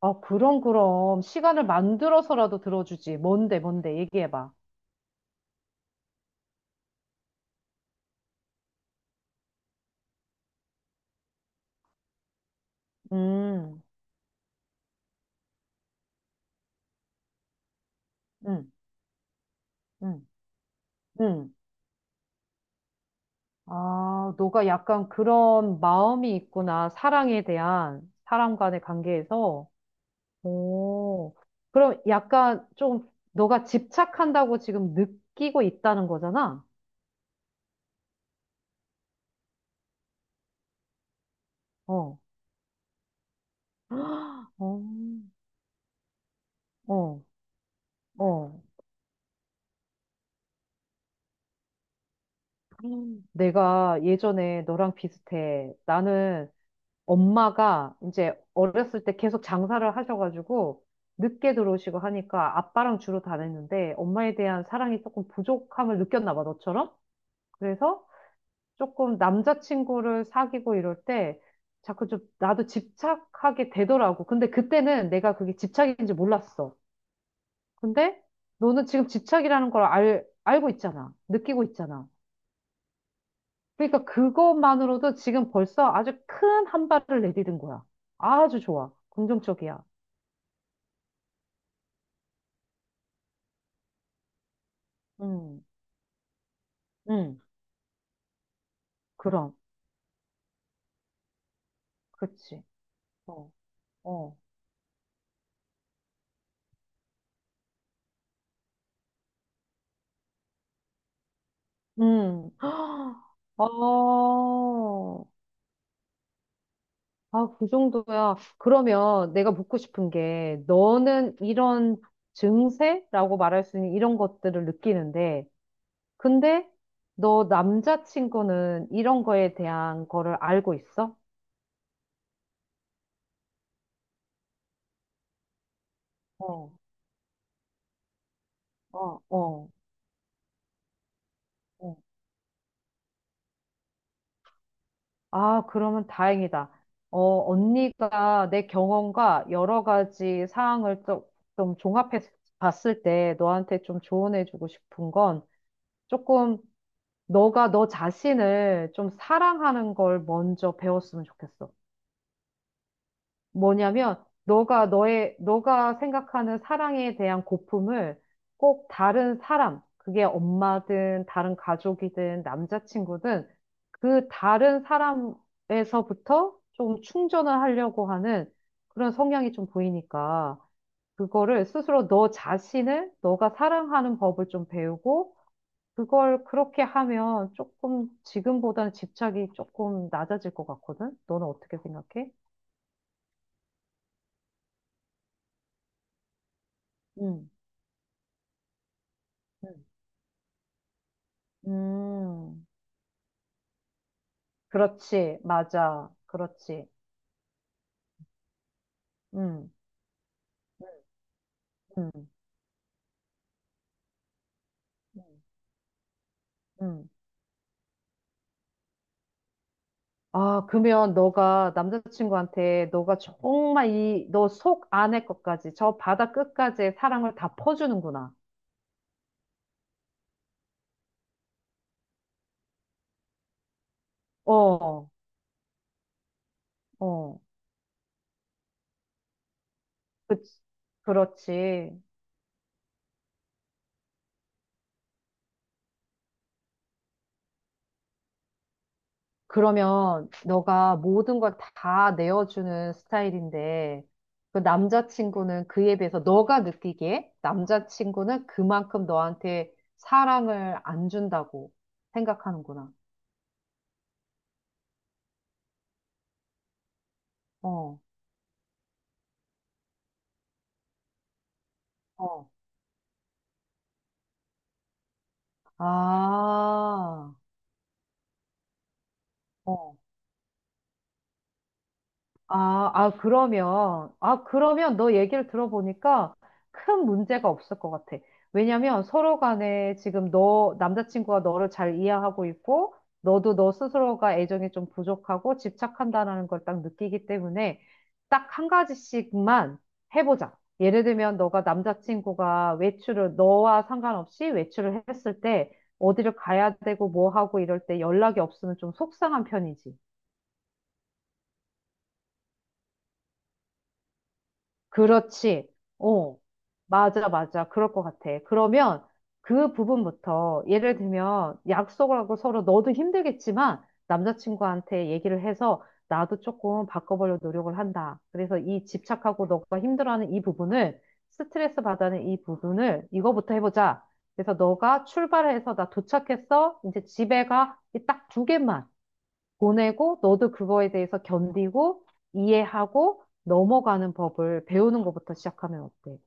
아, 그럼, 그럼. 시간을 만들어서라도 들어주지. 뭔데, 뭔데, 얘기해봐. 음, 음, 음, 음. 아, 너가 약간 그런 마음이 있구나. 사랑에 대한, 사람 간의 관계에서. 오, 그럼 약간 좀, 너가 집착한다고 지금 느끼고 있다는 거잖아? 어, 어, 어, 어. 내가 예전에 너랑 비슷해. 나는 엄마가 이제 어렸을 때 계속 장사를 하셔가지고 늦게 들어오시고 하니까 아빠랑 주로 다녔는데 엄마에 대한 사랑이 조금 부족함을 느꼈나 봐, 너처럼. 그래서 조금 남자친구를 사귀고 이럴 때 자꾸 좀 나도 집착하게 되더라고. 근데 그때는 내가 그게 집착인지 몰랐어. 근데 너는 지금 집착이라는 걸 알고 있잖아. 느끼고 있잖아. 그러니까 그것만으로도 지금 벌써 아주 큰 한 발을 내디딘 거야. 아주 좋아. 긍정적이야. 음, 음, 그럼, 그치. 어, 어, 음. 어, 아, 그 정도야. 그러면 내가 묻고 싶은 게, 너는 이런 증세라고 말할 수 있는 이런 것들을 느끼는데, 근데 너 남자친구는 이런 거에 대한 거를 알고 있어? 어, 어, 어, 어. 아, 그러면 다행이다. 어, 언니가 내 경험과 여러 가지 사항을 좀, 좀 종합해 봤을 때 너한테 좀 조언해주고 싶은 건 조금 너가 너 자신을 좀 사랑하는 걸 먼저 배웠으면 좋겠어. 뭐냐면 너가 생각하는 사랑에 대한 고품을 꼭 다른 사람, 그게 엄마든 다른 가족이든 남자친구든 그 다른 사람에서부터 좀 충전을 하려고 하는 그런 성향이 좀 보이니까 그거를 스스로 너 자신을 너가 사랑하는 법을 좀 배우고 그걸 그렇게 하면 조금 지금보다는 집착이 조금 낮아질 것 같거든? 너는 어떻게 생각해? 응. 음, 그렇지, 맞아, 그렇지. 음, 음, 음, 음. 아, 그러면 너가 남자친구한테 너가 정말 이, 너 속 안의 것까지, 저 바다 끝까지의 사랑을 다 퍼주는구나. 어, 어, 그, 그렇지. 그러면 너가 모든 걸 다 내어주는 스타일인데 그 남자친구는 그에 비해서 너가 느끼기에 남자친구는 그만큼 너한테 사랑을 안 준다고 생각하는구나. 어, 어. 아, 어. 아, 아, 그러면, 아, 그러면 너 얘기를 들어보니까 큰 문제가 없을 것 같아. 왜냐면 서로 간에 지금 너, 남자친구가 너를 잘 이해하고 있고, 너도 너 스스로가 애정이 좀 부족하고 집착한다라는 걸 딱 느끼기 때문에 딱 한 가지씩만 해보자. 예를 들면 너가 남자친구가 외출을, 너와 상관없이 외출을 했을 때 어디를 가야 되고 뭐 하고 이럴 때 연락이 없으면 좀 속상한 편이지. 그렇지. 어, 맞아, 맞아. 그럴 것 같아. 그러면 그 부분부터 예를 들면 약속을 하고 서로 너도 힘들겠지만 남자친구한테 얘기를 해서 나도 조금 바꿔보려 노력을 한다. 그래서 이 집착하고 너가 힘들어하는 이 부분을 스트레스 받는 이 부분을 이거부터 해보자. 그래서 너가 출발해서 나 도착했어. 이제 집에 가. 딱 두 개만. 보내고 너도 그거에 대해서 견디고 이해하고 넘어가는 법을 배우는 것부터 시작하면 어때?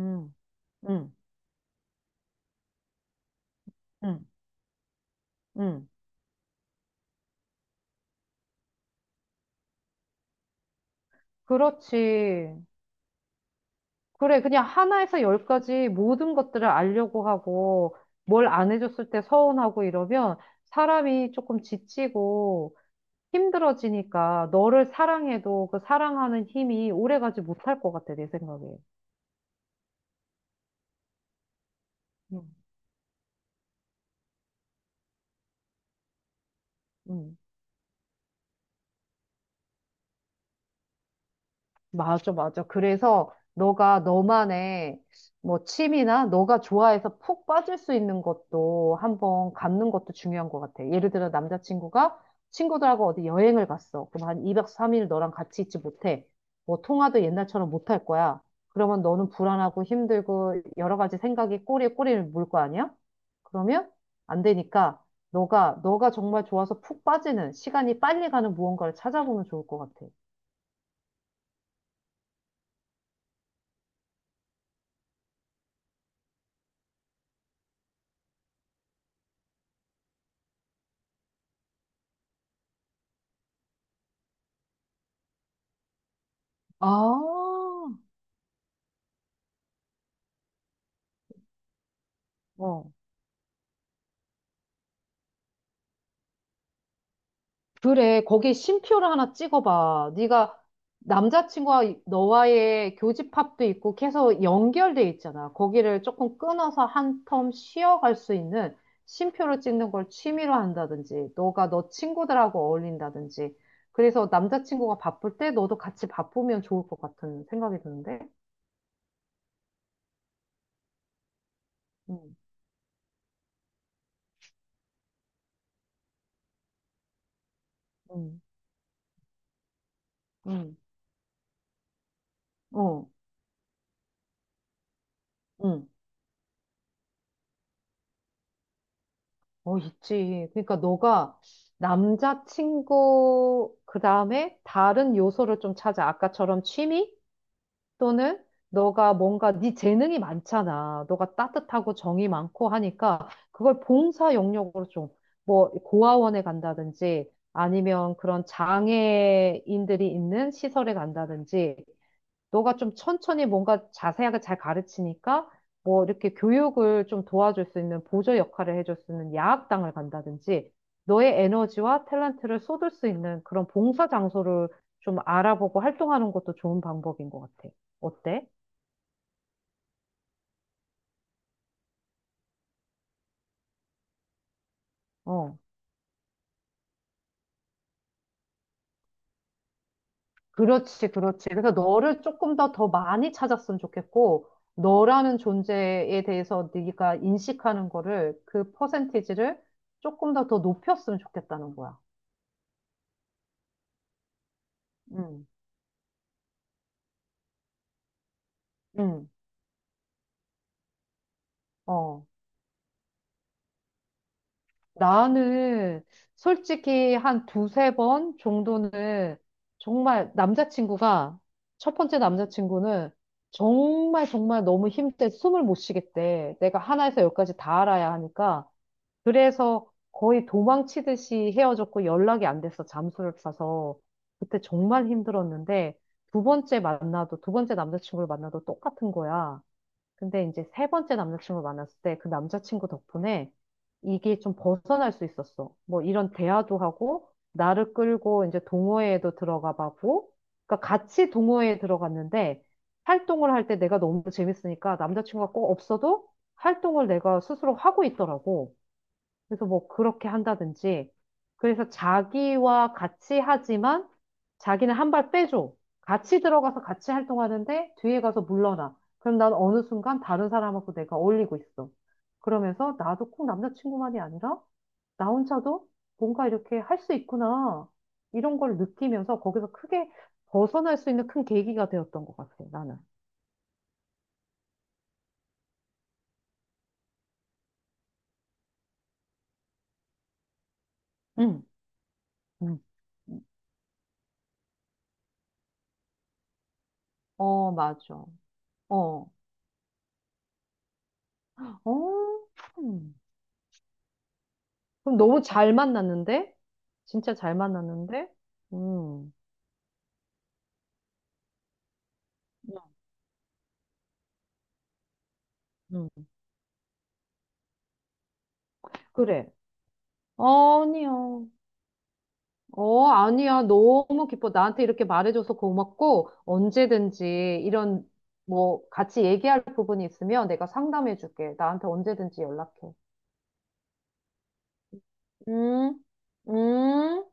음, 음, 음, 음. 그렇지. 그래, 그냥 하나에서 열까지 모든 것들을 알려고 하고 뭘 안 해줬을 때 서운하고 이러면 사람이 조금 지치고 힘들어지니까 너를 사랑해도 그 사랑하는 힘이 오래가지 못할 것 같아, 내 생각에. 음, 음. 맞아, 맞아. 그래서 너가 너만의 뭐 취미나 너가 좋아해서 푹 빠질 수 있는 것도 한번 갖는 것도 중요한 것 같아. 예를 들어 남자친구가 친구들하고 어디 여행을 갔어. 그럼 한 2박 3일 너랑 같이 있지 못해. 뭐 통화도 옛날처럼 못할 거야. 그러면 너는 불안하고 힘들고 여러 가지 생각이 꼬리에 꼬리를 물 거 아니야? 그러면 안 되니까 너가 정말 좋아서 푹 빠지는 시간이 빨리 가는 무언가를 찾아보면 좋을 것 같아. 아, 어. 그래, 거기 쉼표를 하나 찍어봐. 네가 남자친구와 이- 너와의 교집합도 있고 계속 연결돼 있잖아. 거기를 조금 끊어서 한 텀 쉬어갈 수 있는 쉼표를 찍는 걸 취미로 한다든지, 너가 너 친구들하고 어울린다든지. 그래서 남자친구가 바쁠 때 너도 같이 바쁘면 좋을 것 같은 생각이 드는데. 음, 음, 어, 응. 어, 있지. 그러니까 너가 남자친구, 그 다음에 다른 요소를 좀 찾아. 아까처럼 취미? 또는 너가 뭔가 네 재능이 많잖아. 너가 따뜻하고 정이 많고 하니까 그걸 봉사 영역으로 좀, 뭐, 고아원에 간다든지 아니면 그런 장애인들이 있는 시설에 간다든지 너가 좀 천천히 뭔가 자세하게 잘 가르치니까 뭐 이렇게 교육을 좀 도와줄 수 있는 보조 역할을 해줄 수 있는 야학당을 간다든지 너의 에너지와 탤런트를 쏟을 수 있는 그런 봉사 장소를 좀 알아보고 활동하는 것도 좋은 방법인 것 같아. 어때? 어. 그렇지, 그렇지. 그래서 너를 조금 더 더 많이 찾았으면 좋겠고, 너라는 존재에 대해서 네가 인식하는 거를 그 퍼센티지를 조금 더 더 높였으면 좋겠다는 거야. 음, 음. 어, 나는 솔직히 한 두세 번 정도는 정말 남자친구가, 첫 번째 남자친구는 정말 정말 너무 힘들 때 숨을 못 쉬겠대. 내가 하나에서 열까지 다 알아야 하니까. 그래서 거의 도망치듯이 헤어졌고 연락이 안 돼서 잠수를 타서 그때 정말 힘들었는데 두 번째 남자친구를 만나도 똑같은 거야. 근데 이제 세 번째 남자친구를 만났을 때 그 남자친구 덕분에 이게 좀 벗어날 수 있었어. 뭐 이런 대화도 하고, 나를 끌고 이제 동호회에도 들어가 봤고, 그러니까 같이 동호회에 들어갔는데, 활동을 할 때 내가 너무 재밌으니까 남자친구가 꼭 없어도 활동을 내가 스스로 하고 있더라고. 그래서 뭐 그렇게 한다든지. 그래서 자기와 같이 하지만 자기는 한 발 빼줘. 같이 들어가서 같이 활동하는데 뒤에 가서 물러나. 그럼 난 어느 순간 다른 사람하고 내가 어울리고 있어. 그러면서 나도 꼭 남자친구만이 아니라 나 혼자도 뭔가 이렇게 할 수 있구나. 이런 걸 느끼면서 거기서 크게 벗어날 수 있는 큰 계기가 되었던 것 같아, 나는. 응, 응. 어, 맞아. 어. 어, 그럼 너무 잘 만났는데? 진짜 잘 만났는데? 음, 음. 음. 그래. 아니요. 어, 아니야. 너무 기뻐. 나한테 이렇게 말해줘서 고맙고, 언제든지 이런, 뭐, 같이 얘기할 부분이 있으면 내가 상담해줄게. 나한테 언제든지 연락해. 음, 음.